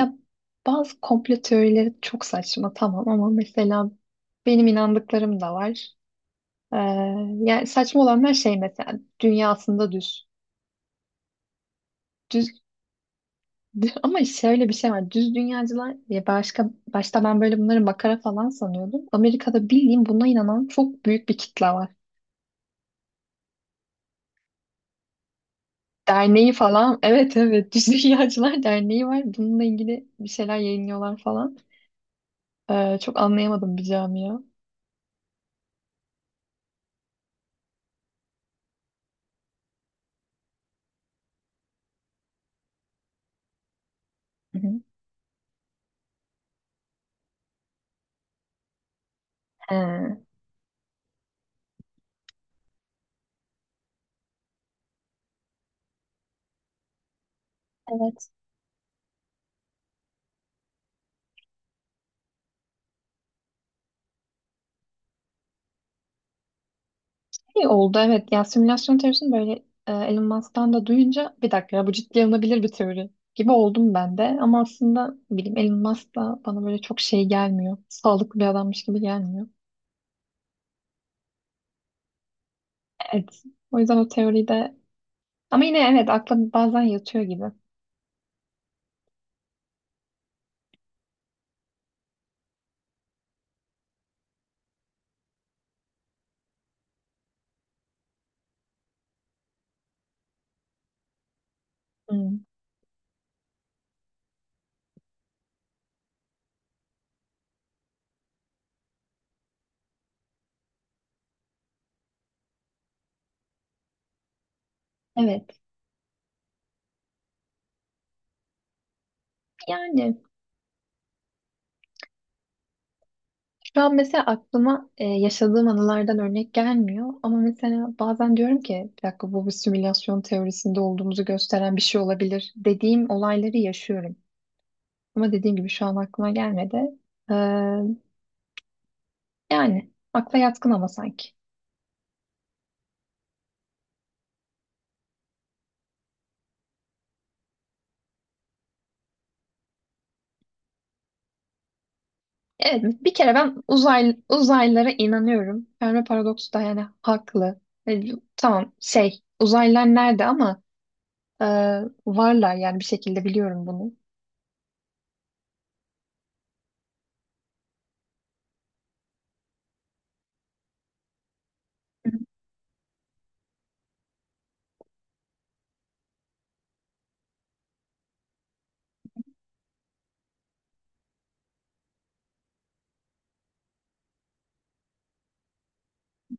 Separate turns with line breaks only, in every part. Ya bazı komplo teorileri çok saçma tamam ama mesela benim inandıklarım da var. Ee, Yani saçma olanlar şey mesela dünya aslında düz. Düz ama şöyle bir şey var. Düz dünyacılar ya başka başta ben böyle bunları makara falan sanıyordum. Amerika'da bildiğim buna inanan çok büyük bir kitle var. Derneği falan. Evet evet Düz Dünyacılar Derneği var. Bununla ilgili bir şeyler yayınlıyorlar falan. Çok anlayamadım bir camia. Hı hı. He. Evet. İyi oldu evet. Ya simülasyon teorisini böyle Elon Musk'tan da duyunca bir dakika ya bu ciddiye alınabilir bir teori gibi oldum ben de. Ama aslında ne bileyim Elon Musk da bana böyle çok şey gelmiyor. Sağlıklı bir adammış gibi gelmiyor. Evet. O yüzden o teori de ama yine evet akla bazen yatıyor gibi. Hmm. Evet. Yani şu an mesela aklıma yaşadığım anılardan örnek gelmiyor. Ama mesela bazen diyorum ki bir dakika bu bir simülasyon teorisinde olduğumuzu gösteren bir şey olabilir dediğim olayları yaşıyorum. Ama dediğim gibi şu an aklıma gelmedi. Ee, Yani akla yatkın ama sanki. Evet bir kere ben uzaylılara inanıyorum. Fermi paradoksu da yani haklı. E, tamam şey uzaylılar nerede ama e, varlar yani bir şekilde biliyorum bunu. Hı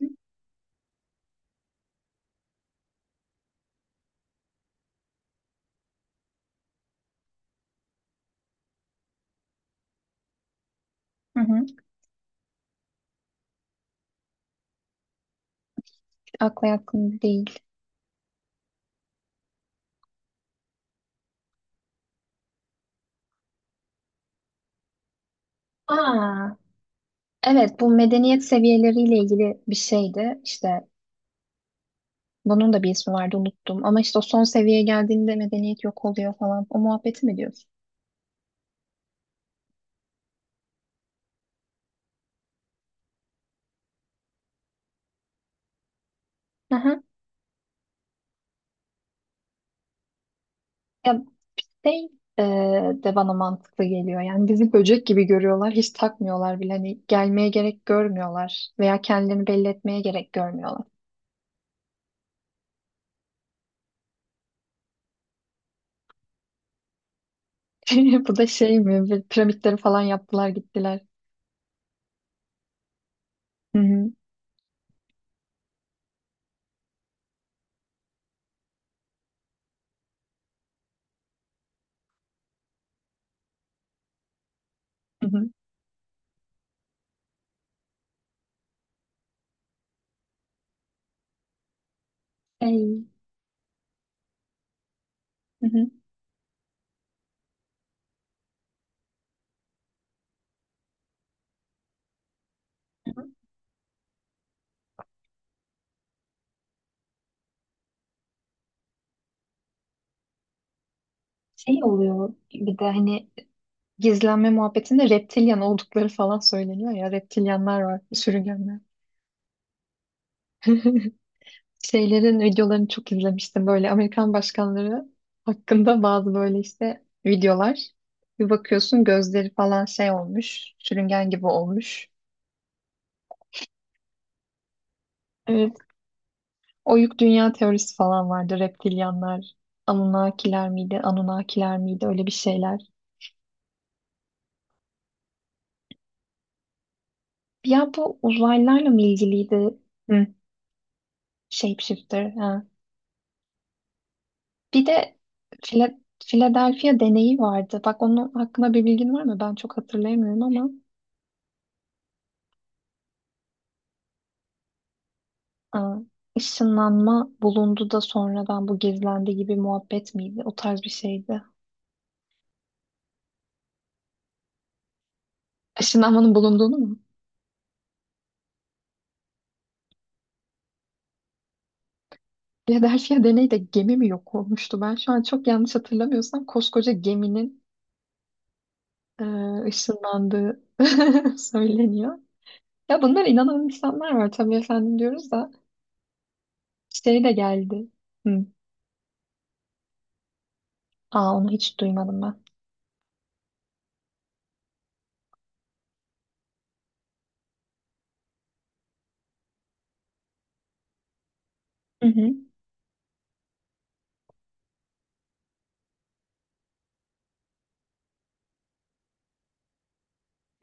hı. Akla yakın değil. Aa, evet, bu medeniyet seviyeleriyle ilgili bir şeydi. İşte bunun da bir ismi vardı unuttum. Ama işte o son seviyeye geldiğinde medeniyet yok oluyor falan. O muhabbeti mi diyorsun? Aha. Ya şey e, de bana mantıklı geliyor. Yani bizi böcek gibi görüyorlar. Hiç takmıyorlar bile. Hani gelmeye gerek görmüyorlar. Veya kendilerini belli etmeye gerek görmüyorlar. Bu da şey mi? Bir Piramitleri falan yaptılar gittiler. Hı hı. Hı hı. Şey. Hı hı. Şey oluyor bir de hani gizlenme muhabbetinde reptilyan oldukları falan söyleniyor ya. Reptilyanlar var, sürüngenler. Şeylerin videolarını çok izlemiştim. Böyle Amerikan başkanları hakkında bazı böyle işte videolar. Bir bakıyorsun gözleri falan şey olmuş, sürüngen gibi olmuş. Evet. Oyuk dünya teorisi falan vardı. Reptilyanlar, Anunnakiler miydi öyle bir şeyler. Ya bu uzaylılarla mı ilgiliydi? Hı. Shapeshifter. Ha. Bir de Fila- Philadelphia deneyi vardı. Bak onun hakkında bir bilgin var mı? Ben çok hatırlayamıyorum ama aa, ışınlanma bulundu da sonradan bu gizlendi gibi muhabbet miydi? O tarz bir şeydi. Işınlanmanın bulunduğunu mu? Philadelphia deneyde gemi mi yok olmuştu? Ben şu an çok yanlış hatırlamıyorsam koskoca geminin ışınlandığı söyleniyor. Ya bunlar inanan insanlar var tabii efendim diyoruz da şey de geldi. Hı. Aa onu hiç duymadım ben. Hı hı.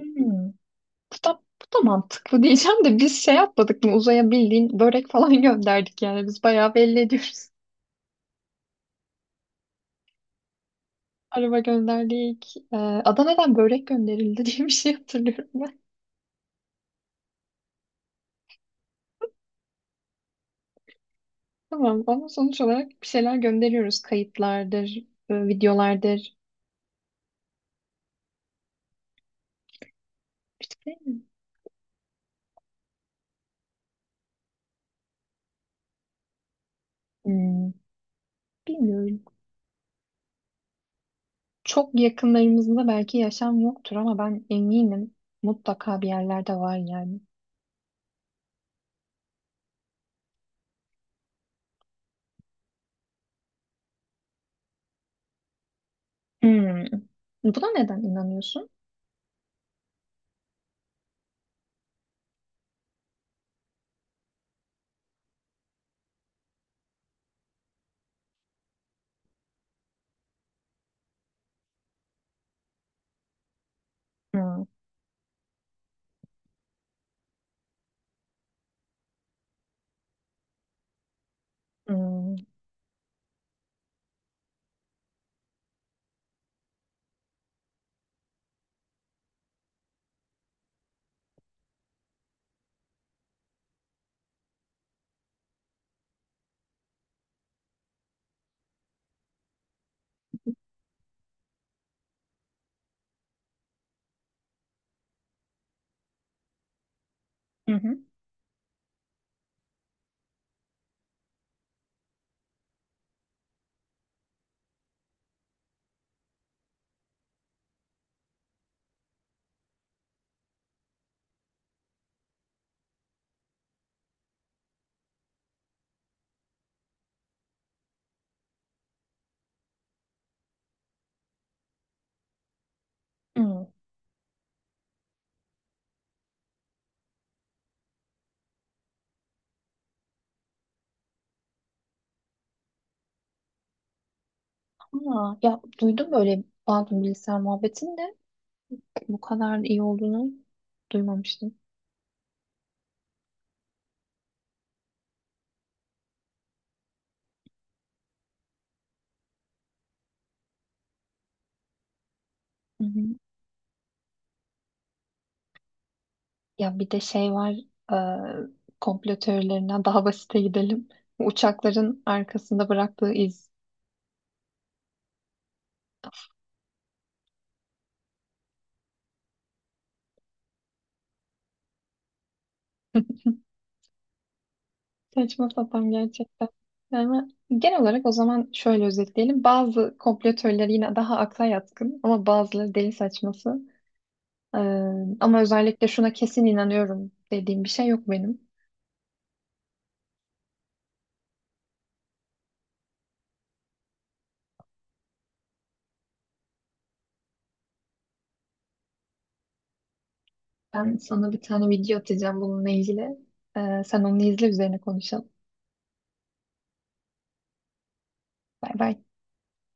Hı. Bu da mantıklı diyeceğim de biz şey yapmadık mı uzaya bildiğin börek falan gönderdik yani biz bayağı belli ediyoruz. Araba gönderdik. Adana'dan börek gönderildi diye bir şey hatırlıyorum ben. Tamam ama sonuç olarak bir şeyler gönderiyoruz. Kayıtlardır, videolardır. İşte, hmm, bilmiyorum. Çok yakınlarımızda belki yaşam yoktur ama ben eminim mutlaka bir yerlerde var yani. Hmm. Buna neden inanıyorsun? Hmm. Hmm. Hı hı. Hmm. Aa, ya duydum böyle Baldur bilgisayar muhabbetini de bu kadar iyi olduğunu duymamıştım. Hı hı. Ya bir de şey var e, komplo teorilerinden daha basite gidelim. Uçakların arkasında bıraktığı iz. Saçma sapan gerçekten. Yani genel olarak o zaman şöyle özetleyelim. Bazı komplo teorileri yine daha akla yatkın ama bazıları deli saçması. E, Ama özellikle şuna kesin inanıyorum dediğim bir şey yok benim. Ben sana bir tane video atacağım bununla ilgili. Sen onu izle üzerine konuşalım. Bay bay.